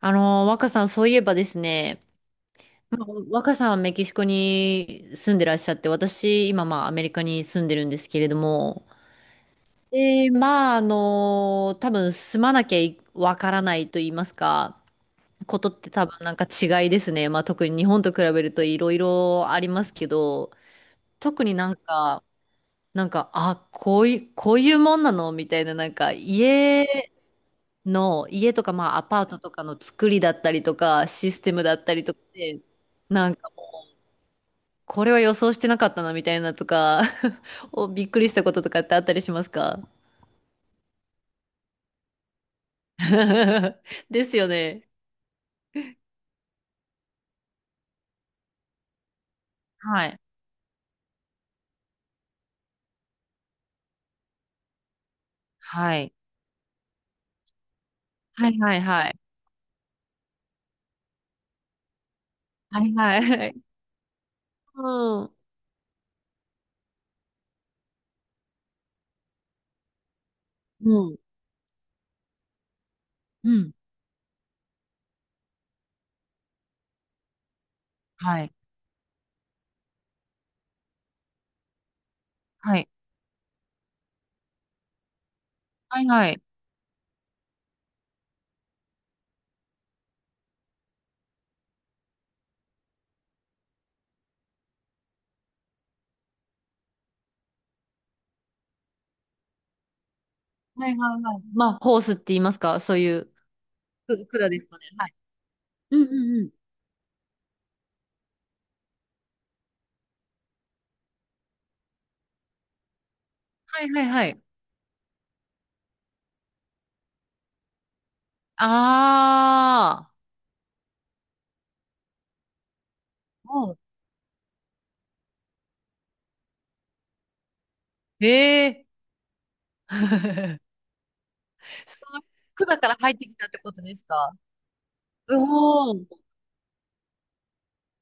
若さん、そういえばですね、まあ、若さんはメキシコに住んでらっしゃって、私、今、アメリカに住んでるんですけれども、で、多分、住まなきゃいわからないと言いますか、ことって多分、なんか違いですね。まあ、特に日本と比べるといろいろありますけど、特になんか、あ、こういうもんなのみたいな、なんか、家とか、まあ、アパートとかの作りだったりとか、システムだったりとかで、なんか、これは予想してなかったな、みたいなとか お、びっくりしたこととかってあったりしますか？ ですよね。はい。はい。はいはいはい。はいはい。うん。うん。うん。はい。はい。はいはい。はいはいはい。まあ、ホースって言いますかそういう、く、管ですかね。はい。うんうんうん。はいはいはい。ああ。うん。ええ その管から入ってきたってことですか？おー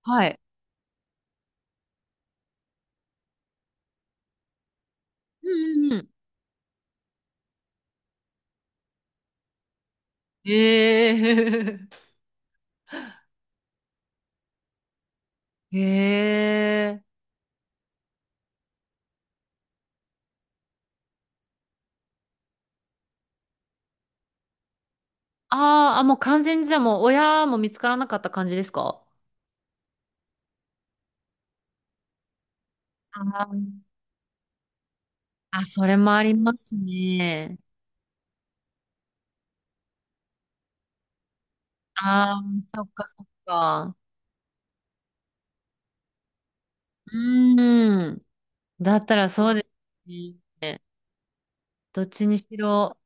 はい。うんうんうん。ええー ええーあーあ、もう完全にじゃあもう親も見つからなかった感じですか？ああーあ、それもありますね。ああ、そっかそっか。うーん。だったらそうですね。どっちにしろ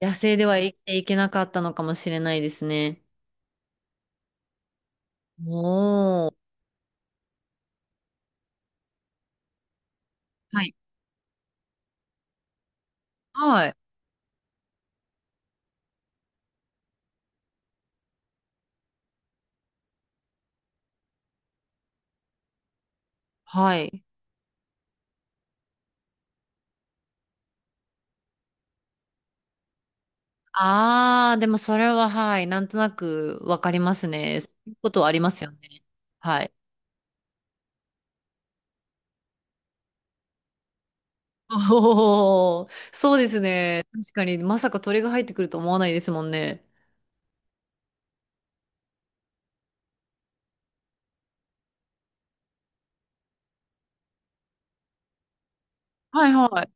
野生では生きていけなかったのかもしれないですね。おー。はい。はい。はい。ああ、でもそれは、はい、なんとなくわかりますね。そういうことはありますよね。はい。おお、そうですね。確かに、まさか鳥が入ってくると思わないですもんね。はいはい。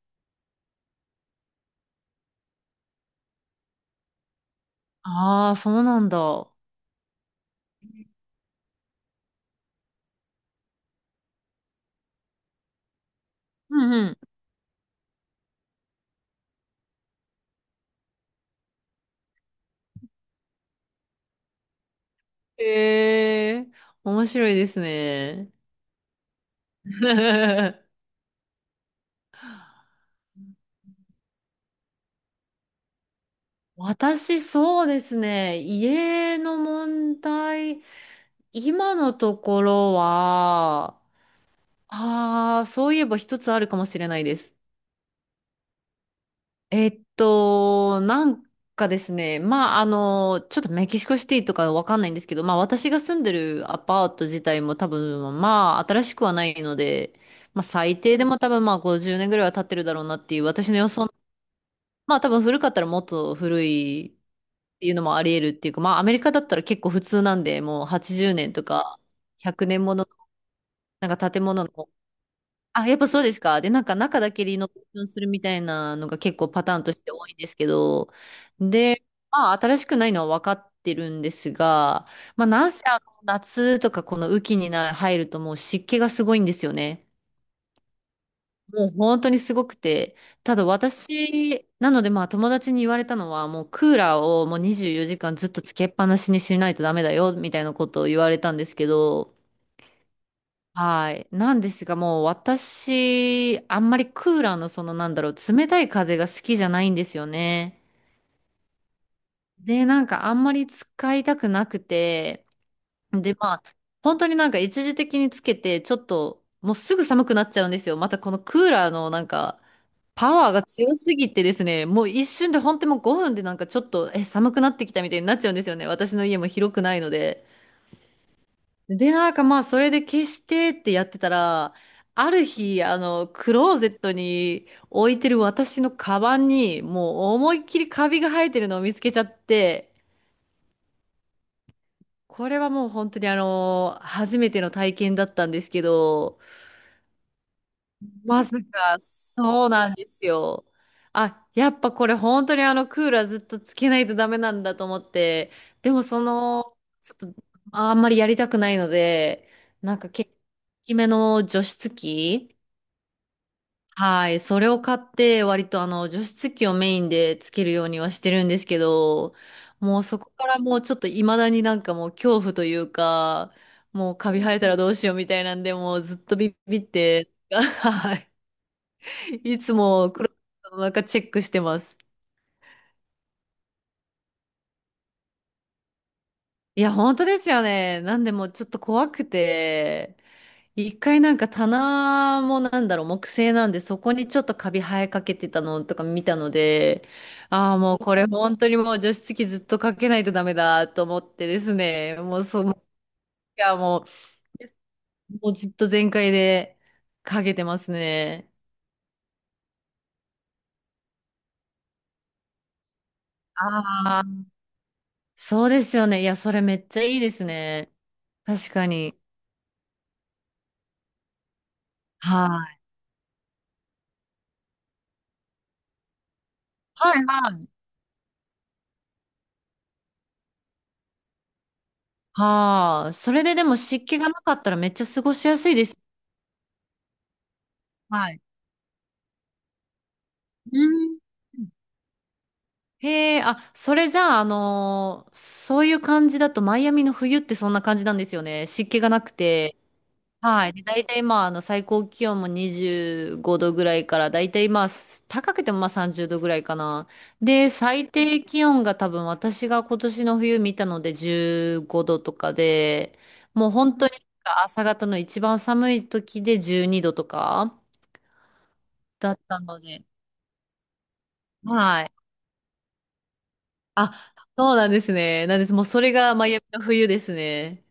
ああ、そうなんだ。うんうん。へえ、面白いですね。私、そうですね。家の問題、今のところは、ああ、そういえば一つあるかもしれないです。えっと、なんちょっとメキシコシティとかわかんないんですけど、まあ、私が住んでるアパート自体も多分、まあ、新しくはないので、まあ、最低でも多分、まあ、50年ぐらいは経ってるだろうなっていう、私の予想、まあ、多分古かったらもっと古いっていうのもあり得るっていうか、まあ、アメリカだったら結構普通なんで、もう80年とか100年もの、なんか建物のあ、やっぱそうですか。で、なんか中だけリノベーションするみたいなのが結構パターンとして多いんですけど、で、まあ新しくないのは分かってるんですが、まあなんせあの夏とかこの雨季にな入るともう湿気がすごいんですよね。もう本当にすごくて。ただ私、なのでまあ友達に言われたのはもうクーラーをもう24時間ずっとつけっぱなしにしないとダメだよみたいなことを言われたんですけど、はい。なんですが、もう私、あんまりクーラーのそのなんだろう、冷たい風が好きじゃないんですよね。で、なんかあんまり使いたくなくて、で、まあ、本当になんか一時的につけて、ちょっと、もうすぐ寒くなっちゃうんですよ。またこのクーラーのなんか、パワーが強すぎてですね、もう一瞬で本当にもう5分でなんかちょっと、え、寒くなってきたみたいになっちゃうんですよね。私の家も広くないので。で、なんかまあ、それで消してってやってたら、ある日、あの、クローゼットに置いてる私のカバンに、もう思いっきりカビが生えてるのを見つけちゃって、これはもう本当にあの、初めての体験だったんですけど、まさか、そうなんですよ。あ、やっぱこれ本当にあのクーラーずっとつけないとダメなんだと思って、でもその、ちょっとあんまりやりたくないので、なんか結構大きめの除湿機、はい、それを買って割とあの除湿機をメインでつけるようにはしてるんですけど、もうそこからもうちょっと未だになんかもう恐怖というか、もうカビ生えたらどうしようみたいなんで、もうずっとビビって、はい。いつもクローゼットの中チェックしてます。いや、本当ですよね。なんでもうちょっと怖くて、一回なんか棚もなんだろう、木製なんで、そこにちょっとカビ生えかけてたのとか見たので、ああ、もうこれ本当にもう除湿機ずっとかけないとダメだと思ってですね、もうその、いや、もうずっと全開でかけてますね。ああ、そうですよね。いや、それめっちゃいいですね。確かに。はい。はいはい。はあ、それででも湿気がなかったらめっちゃ過ごしやすいです。はい。うんへえ、あ、それじゃあ、あのーそういう感じだと、マイアミの冬ってそんな感じなんですよね。湿気がなくて、はい。で、大体まあ、あの、最高気温も25度ぐらいから、大体まあ、高くてもまあ30度ぐらいかな。で、最低気温が多分私が今年の冬見たので15度とかで、もう本当に朝方の一番寒い時で12度とかだったので、はい。あ、そうなんですね。なんです。もうそれがマイアミの冬ですね。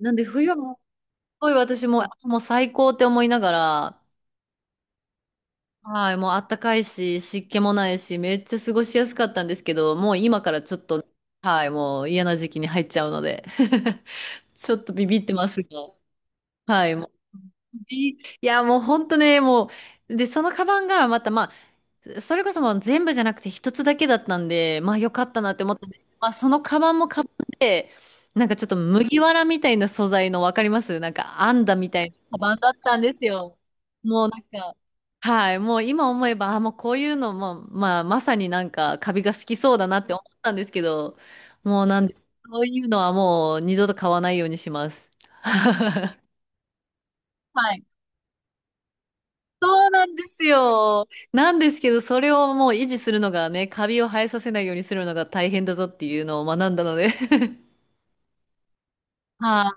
なんで冬はもうすごい私も、もう最高って思いながら、はい、もうあったかいし、湿気もないし、めっちゃ過ごしやすかったんですけど、もう今からちょっと、はい、もう嫌な時期に入っちゃうので、ちょっとビビってますが、はい、もう、いいいや、もう本当ね、もう、で、そのカバンがまた、まあ、それこそもう全部じゃなくて一つだけだったんで、まあ良かったなって思ったんですけど、まあそのカバンもカバンで、なんかちょっと麦わらみたいな素材のわかりますなんか編んだみたいなカバンだったんですよ。もうなんか、はい、もう今思えば、あ、もうこういうのも、まあまさになんかカビが好きそうだなって思ったんですけど、もうなんです。そういうのはもう二度と買わないようにします。はいそうなんですよ。なんですけど、それをもう維持するのがね、カビを生えさせないようにするのが大変だぞっていうのを学んだので。は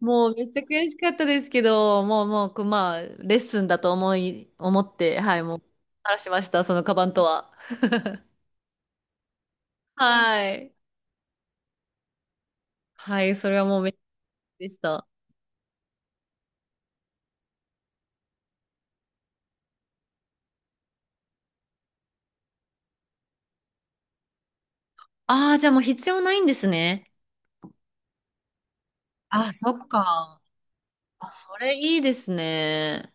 い。もうめっちゃ悔しかったですけど、もう、まあ、レッスンだと思って、はい、もう、話しました、そのカバンとは。はい。はい、それはもうめっちゃでした。ああ、じゃあもう必要ないんですね。あ、そっか。あ、それいいですね。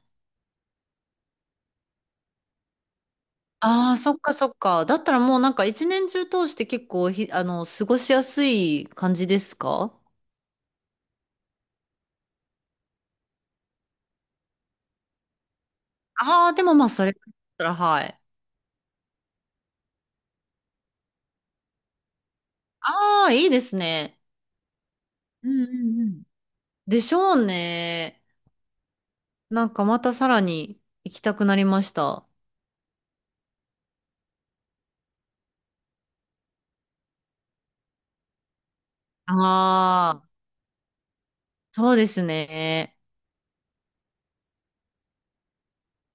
ああ、そっかそっか。だったらもうなんか一年中通して結構ひ、あの、過ごしやすい感じですか？ああー、でもまあそれだったら、はい。ああ、いいですね。うんうんうん。でしょうね。なんかまたさらに行きたくなりました。ああ、そうですね。